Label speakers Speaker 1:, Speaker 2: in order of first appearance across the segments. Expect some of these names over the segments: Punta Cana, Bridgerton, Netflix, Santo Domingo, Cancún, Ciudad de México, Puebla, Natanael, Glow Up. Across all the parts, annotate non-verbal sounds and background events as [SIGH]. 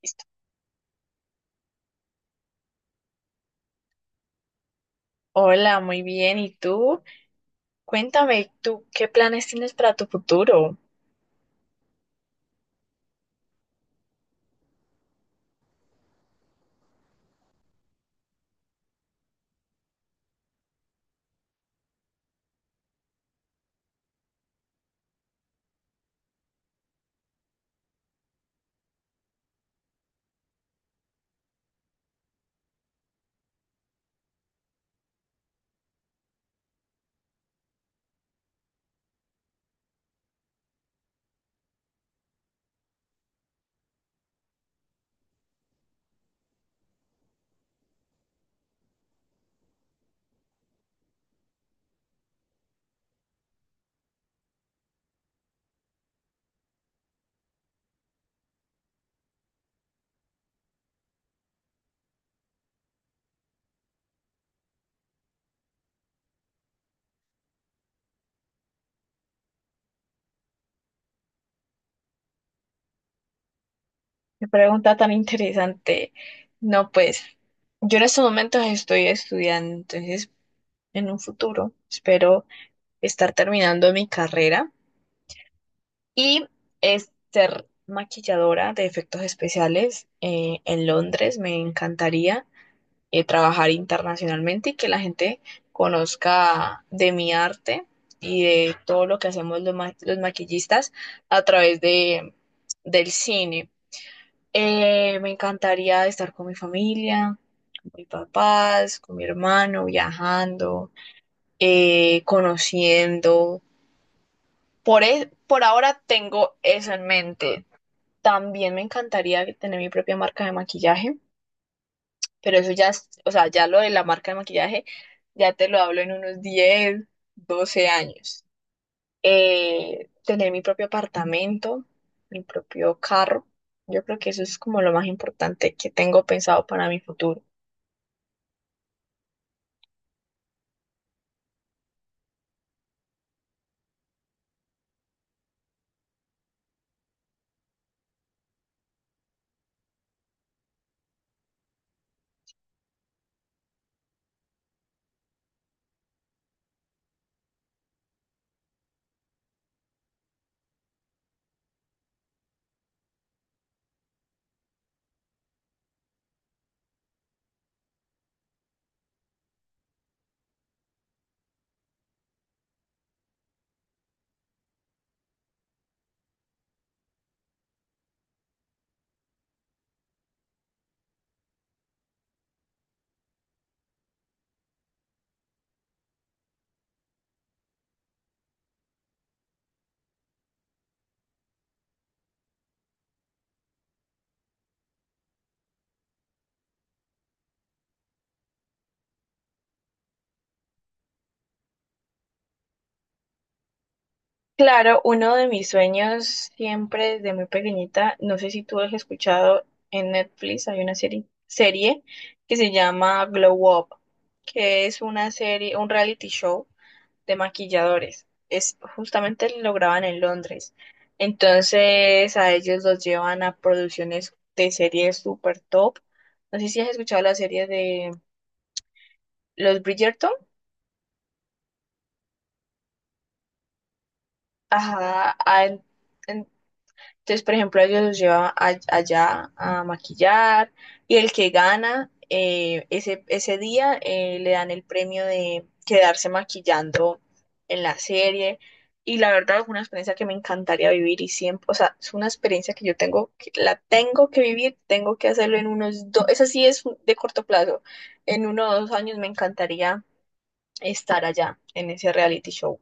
Speaker 1: Listo. Hola, muy bien. ¿Y tú? Cuéntame, ¿tú qué planes tienes para tu futuro? Qué pregunta tan interesante. No, pues yo en estos momentos estoy estudiando, entonces en un futuro espero estar terminando mi carrera y es ser maquilladora de efectos especiales en Londres. Me encantaría. Trabajar internacionalmente y que la gente conozca de mi arte y de todo lo que hacemos los maquillistas a través del cine. Me encantaría estar con mi familia, con mis papás, con mi hermano, viajando, conociendo. Por ahora tengo eso en mente. También me encantaría tener mi propia marca de maquillaje. Pero eso ya, o sea, ya lo de la marca de maquillaje, ya te lo hablo en unos 10 12 años. Tener mi propio apartamento, mi propio carro, yo creo que eso es como lo más importante que tengo pensado para mi futuro. Claro, uno de mis sueños siempre desde muy pequeñita, no sé si tú has escuchado en Netflix, hay una serie que se llama Glow Up, que es una serie, un reality show de maquilladores. Es justamente lo graban en Londres. Entonces a ellos los llevan a producciones de series super top. No sé si has escuchado la serie de los Bridgerton. Ajá, entonces, por ejemplo, ellos los llevan allá a maquillar y el que gana ese día le dan el premio de quedarse maquillando en la serie. Y la verdad es una experiencia que me encantaría vivir y siempre, o sea, es una experiencia que yo tengo, la tengo que vivir, tengo que hacerlo en unos 2, esa sí es de corto plazo, en 1 o 2 años me encantaría estar allá en ese reality show.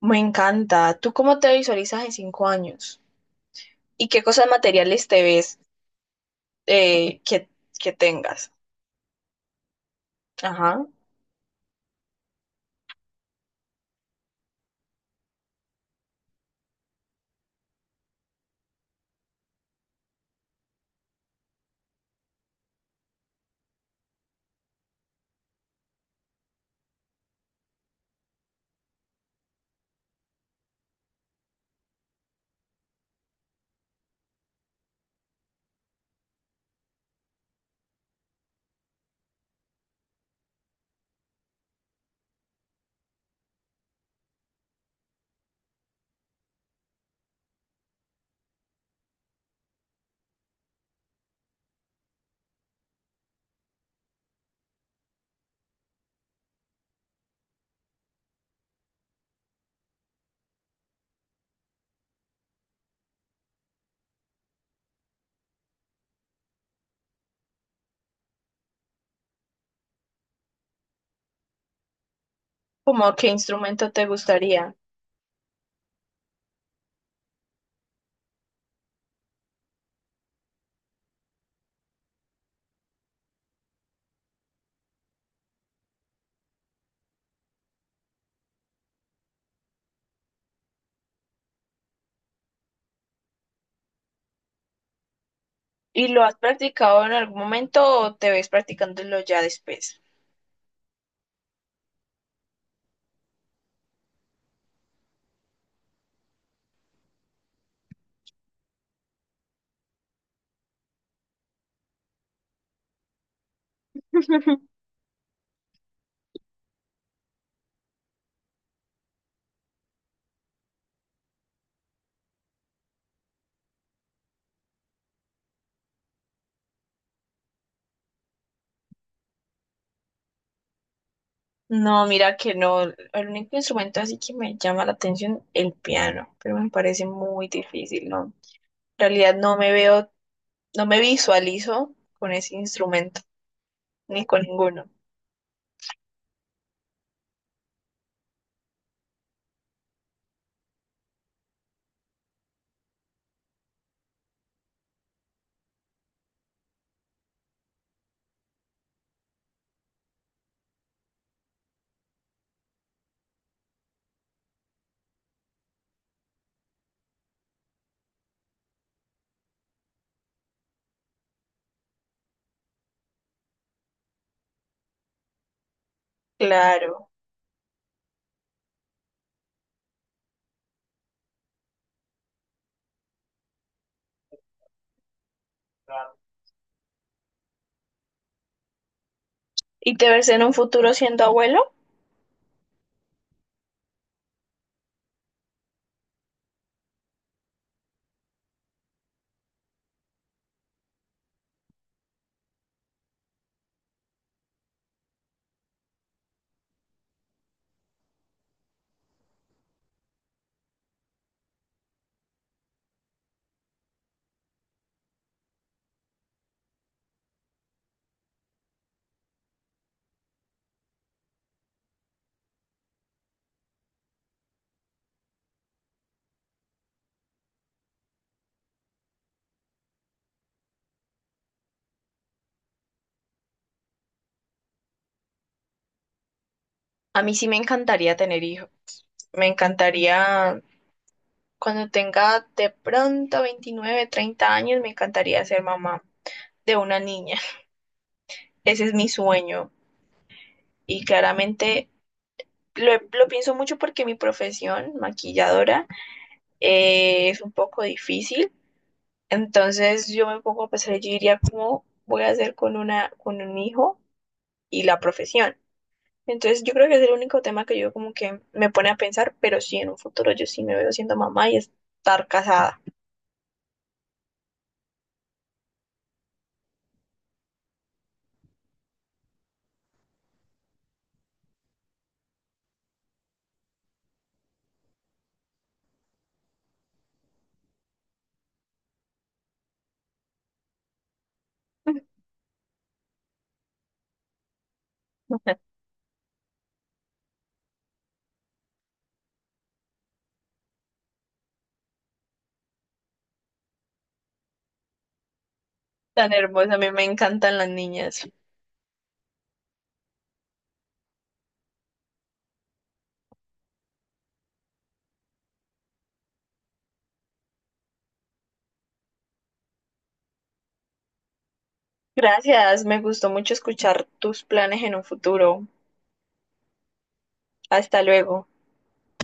Speaker 1: Me encanta. ¿Tú cómo te visualizas en 5 años? ¿Y qué cosas materiales te ves eh, que, que tengas? Ajá. ¿Cómo qué instrumento te gustaría? ¿Y lo has practicado en algún momento o te ves practicándolo ya después? [LAUGHS] No, mira que no. El único instrumento así que me llama la atención, el piano, pero me parece muy difícil, ¿no? En realidad no me veo, no me visualizo con ese instrumento, ni con ninguno. Claro. ¿Y te ves en un futuro siendo abuelo? A mí sí me encantaría tener hijos. Me encantaría, cuando tenga de pronto 29, 30 años, me encantaría ser mamá de una niña. [LAUGHS] Ese es mi sueño. Y claramente lo pienso mucho porque mi profesión, maquilladora, es un poco difícil. Entonces yo me pongo a pensar, yo diría, ¿cómo voy a hacer con una, con un hijo y la profesión? Entonces yo creo que es el único tema que yo como que me pone a pensar, pero sí, en un futuro yo sí me veo siendo mamá y estar casada. [LAUGHS] Tan hermosa, a mí me encantan las niñas. Gracias, me gustó mucho escuchar tus planes en un futuro. Hasta luego.